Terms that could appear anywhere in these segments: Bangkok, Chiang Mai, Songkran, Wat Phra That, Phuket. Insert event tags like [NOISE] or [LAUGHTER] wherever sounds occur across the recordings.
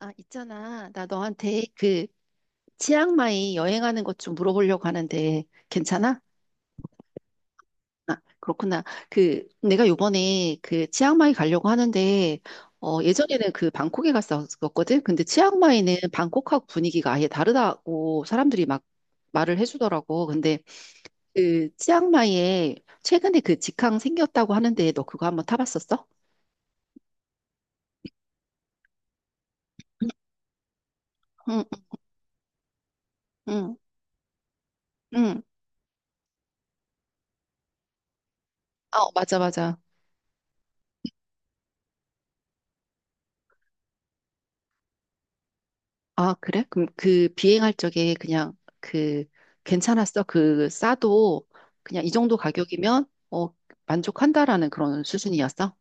아, 있잖아. 나 너한테 그 치앙마이 여행하는 것 좀 물어보려고 하는데 괜찮아? 아, 그렇구나. 그 내가 요번에 그 치앙마이 가려고 하는데 어, 예전에는 그 방콕에 갔었거든. 근데 치앙마이는 방콕하고 분위기가 아예 다르다고 사람들이 막 말을 해주더라고. 근데 그 치앙마이에 최근에 그 직항 생겼다고 하는데 너 그거 한번 타봤었어? 응, 응, 응. 응. 아, 맞아, 맞아. 아, 그래? 그럼 그 비행할 적에 그냥 그 괜찮았어? 그 싸도 그냥 이 정도 가격이면 어, 만족한다라는 그런 수준이었어?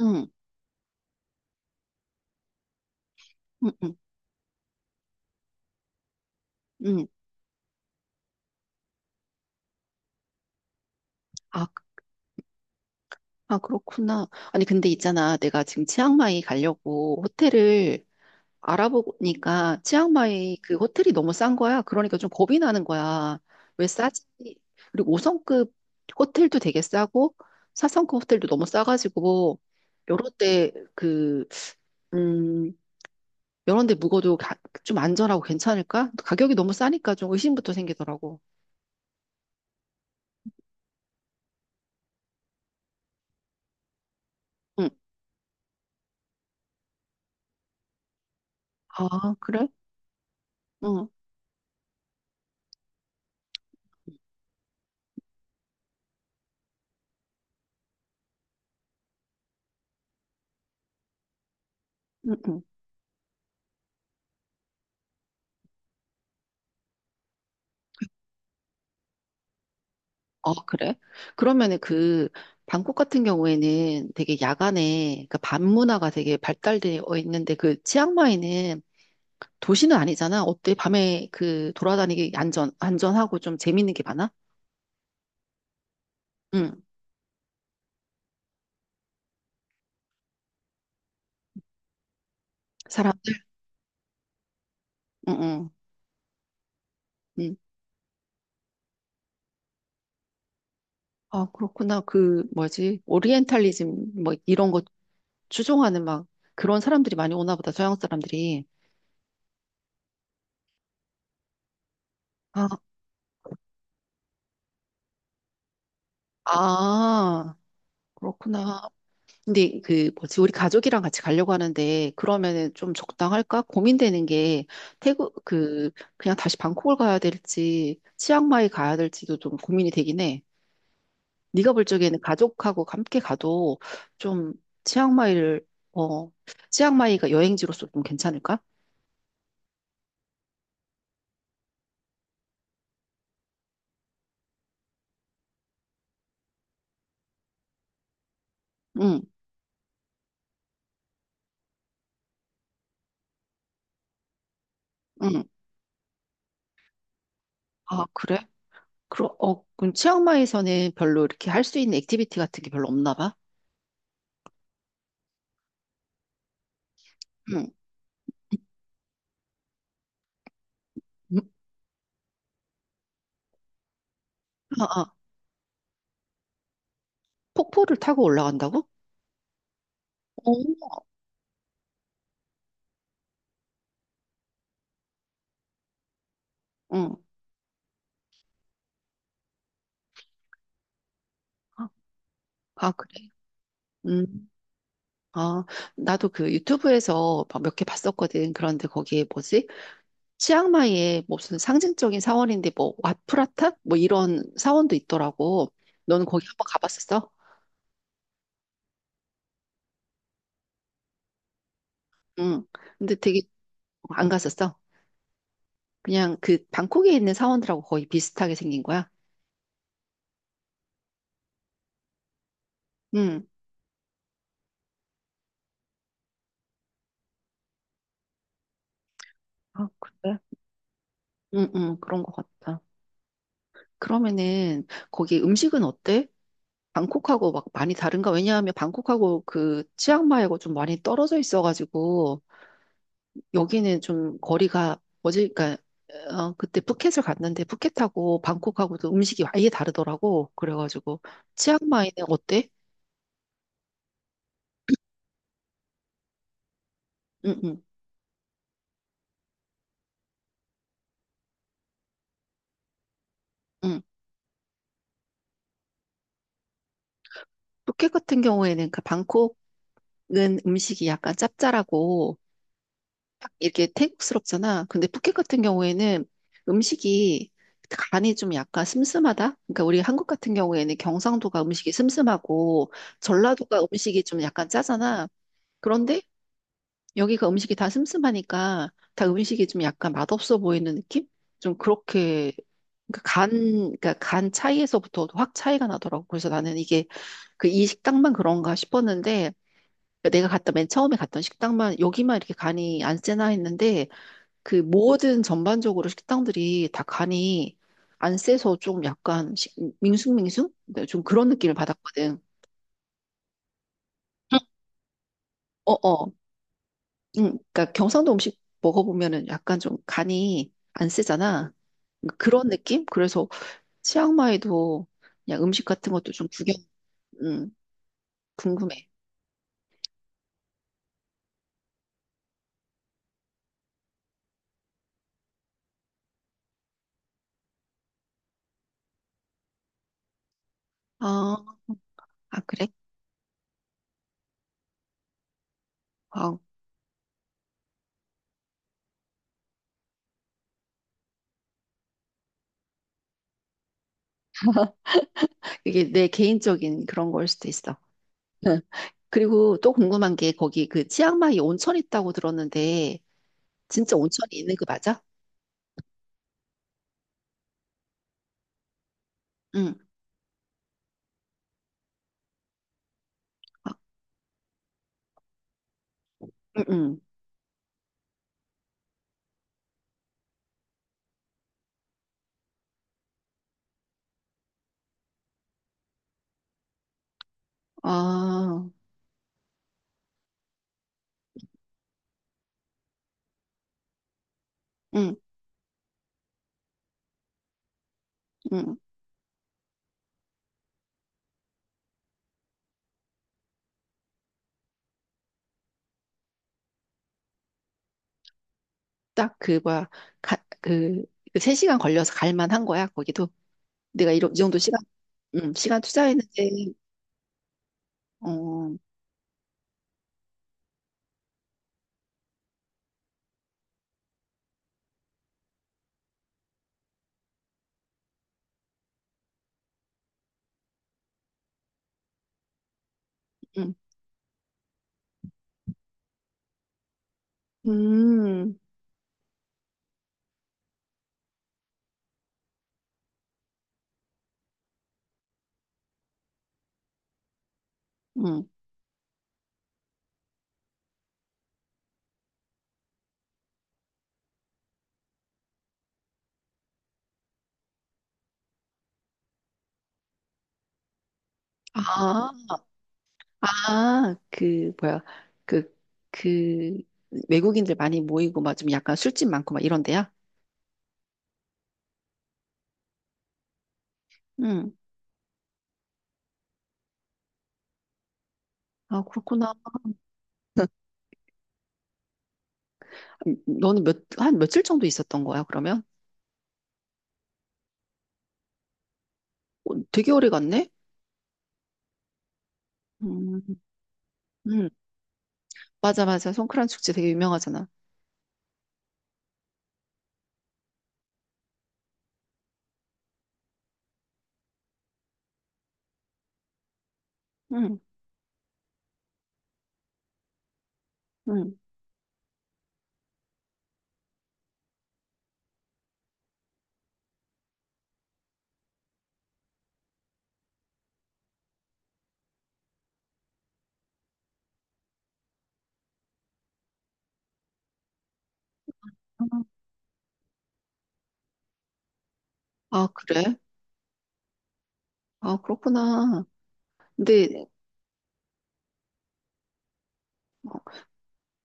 응, 응, 응, 응. 아, 아, 그렇구나. 아니, 근데 있잖아. 내가 지금 치앙마이 가려고 호텔을 알아보니까 치앙마이 그 호텔이 너무 싼 거야. 그러니까 좀 겁이 나는 거야. 왜 싸지? 그리고 5성급 호텔도 되게 싸고 4성급 호텔도 너무 싸가지고 요럴 때그 음, 여러 데 묵어도 좀 안전하고 괜찮을까? 가격이 너무 싸니까 좀 의심부터 생기더라고. 응. 아, 그래? 응, 응, 응. 아, 그래? 그러면은 그, 방콕 같은 경우에는 되게 야간에, 그 밤 문화가 되게 발달되어 있는데 그 치앙마이는 도시는 아니잖아. 어때? 밤에 그 돌아다니기 안전하고 좀 재밌는 게 많아? 응, 사람들? 응, 응, 응. 아, 그렇구나. 그, 뭐지? 오리엔탈리즘, 뭐, 이런 거 추종하는 막 그런 사람들이 많이 오나 보다, 서양 사람들이. 아, 아, 그렇구나. 근데 그 뭐지, 우리 가족이랑 같이 가려고 하는데, 그러면은 좀 적당할까? 고민되는 게, 태국, 그, 그냥 다시 방콕을 가야 될지, 치앙마이 가야 될지도 좀 고민이 되긴 해. 네가 볼 적에는 가족하고 함께 가도 좀 치앙마이를, 어, 치앙마이가 여행지로서 좀 괜찮을까? 응, 응. 아, 그래? 그럼 치앙마이에서는 별로 이렇게 할 수 있는 액티비티 같은 게 별로 없나 봐? 응. 음? 아, 아, 폭포를 타고 올라간다고? 어, 응. 아, 아, 그래. 음. 아, 나도 그 유튜브에서 몇 개 봤었거든. 그런데 거기에 뭐지? 치앙마이에 무슨 상징적인 사원인데 뭐 와프라탑? 뭐 이런 사원도 있더라고. 너는 거기 한번 가봤었어? 응. 근데 되게 안 갔었어. 그냥 그 방콕에 있는 사원들하고 거의 비슷하게 생긴 거야. 응. 아, 그래? 응, 응, 그런 것 같아. 그러면은 거기 음식은 어때? 방콕하고 막 많이 다른가? 왜냐하면 방콕하고 그 치앙마이하고 좀 많이 떨어져 있어가지고 여기는 좀 거리가 어제 그러니까 어, 그때 푸켓을 갔는데 푸켓하고 방콕하고도 음식이 아예 다르더라고. 그래가지고 치앙마이는 어때? 응, 응, 응. 푸켓 같은 경우에는 그 방콕은 음식이 약간 짭짤하고 딱 이렇게 태국스럽잖아. 근데 푸켓 같은 경우에는 음식이 간이 좀 약간 슴슴하다? 그러니까 우리 한국 같은 경우에는 경상도가 음식이 슴슴하고 전라도가 음식이 좀 약간 짜잖아. 그런데 여기가 음식이 다 슴슴하니까 다 음식이 좀 약간 맛없어 보이는 느낌? 좀 그렇게 그러니까 간, 그러니까 간 차이에서부터 확 차이가 나더라고. 그래서 나는 이게 그 이 식당만 그런가 싶었는데 그러니까 내가 갔다 맨 처음에 갔던 식당만 여기만 이렇게 간이 안 세나 했는데 그 모든 전반적으로 식당들이 다 간이 안 세서 좀 약간 밍숭밍숭? 네, 좀 그런 느낌을 받았거든. 어어. 응, 그러니까 경상도 음식 먹어보면은 약간 좀 간이 안 세잖아. 그런 느낌? 그래서 치앙마이도 그냥 음식 같은 것도 좀 구경, 응, 궁금해. 아, 아, 그래? 아, 이게 내 개인적인 그런 걸 수도 있어. 응. 그리고 또 궁금한 게 거기 그 치앙마이 온천 있다고 들었는데 진짜 온천이 있는 거 맞아? 응, 아, 응, 응. 아, 응, 응. 딱 그, 뭐야, 가, 그, 그 3시간 걸려서 갈 만한 거야, 거기도. 내가 이러, 이 정도 시간, 응, 시간 투자했는데, 어, 응, 음, 응. 아, 아, 그, 뭐야, 그, 그, 외국인들 많이 모이고, 막 좀 약간 술집 많고, 막 이런 데야? 응. 아, 그렇구나. 너는 몇, 한 며칠 정도 있었던 거야, 그러면? 어, 되게 오래 갔네? 음, 음. 맞아, 맞아. 송크란 축제 되게 유명하잖아. 응, 응. 아, 그래? 아, 그렇구나. 근데, 어,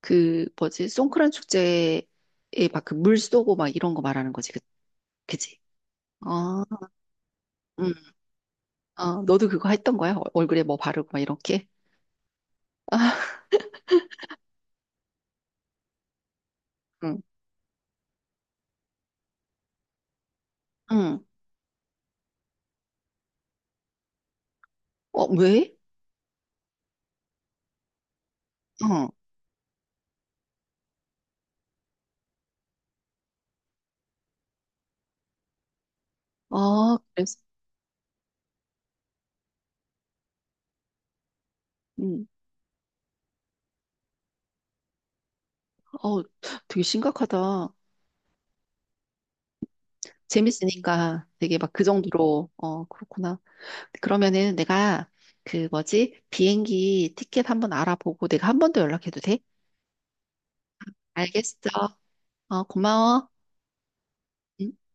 그, 뭐지, 송크란 축제에 막 그 물 쏘고 막 이런 거 말하는 거지, 그, 그지? 아, 응. 아, 너도 그거 했던 거야? 얼굴에 뭐 바르고 막 이렇게? 아, [LAUGHS] 응, 응. 어, 왜? 어, 아, 그래서, 응. 어, 되게 심각하다. 재밌으니까 되게 막 그 정도로, 어, 그렇구나. 그러면은 내가 그 뭐지? 비행기 티켓 한번 알아보고 내가 한 번 더 연락해도 돼? 알겠어. 어, 고마워. 응.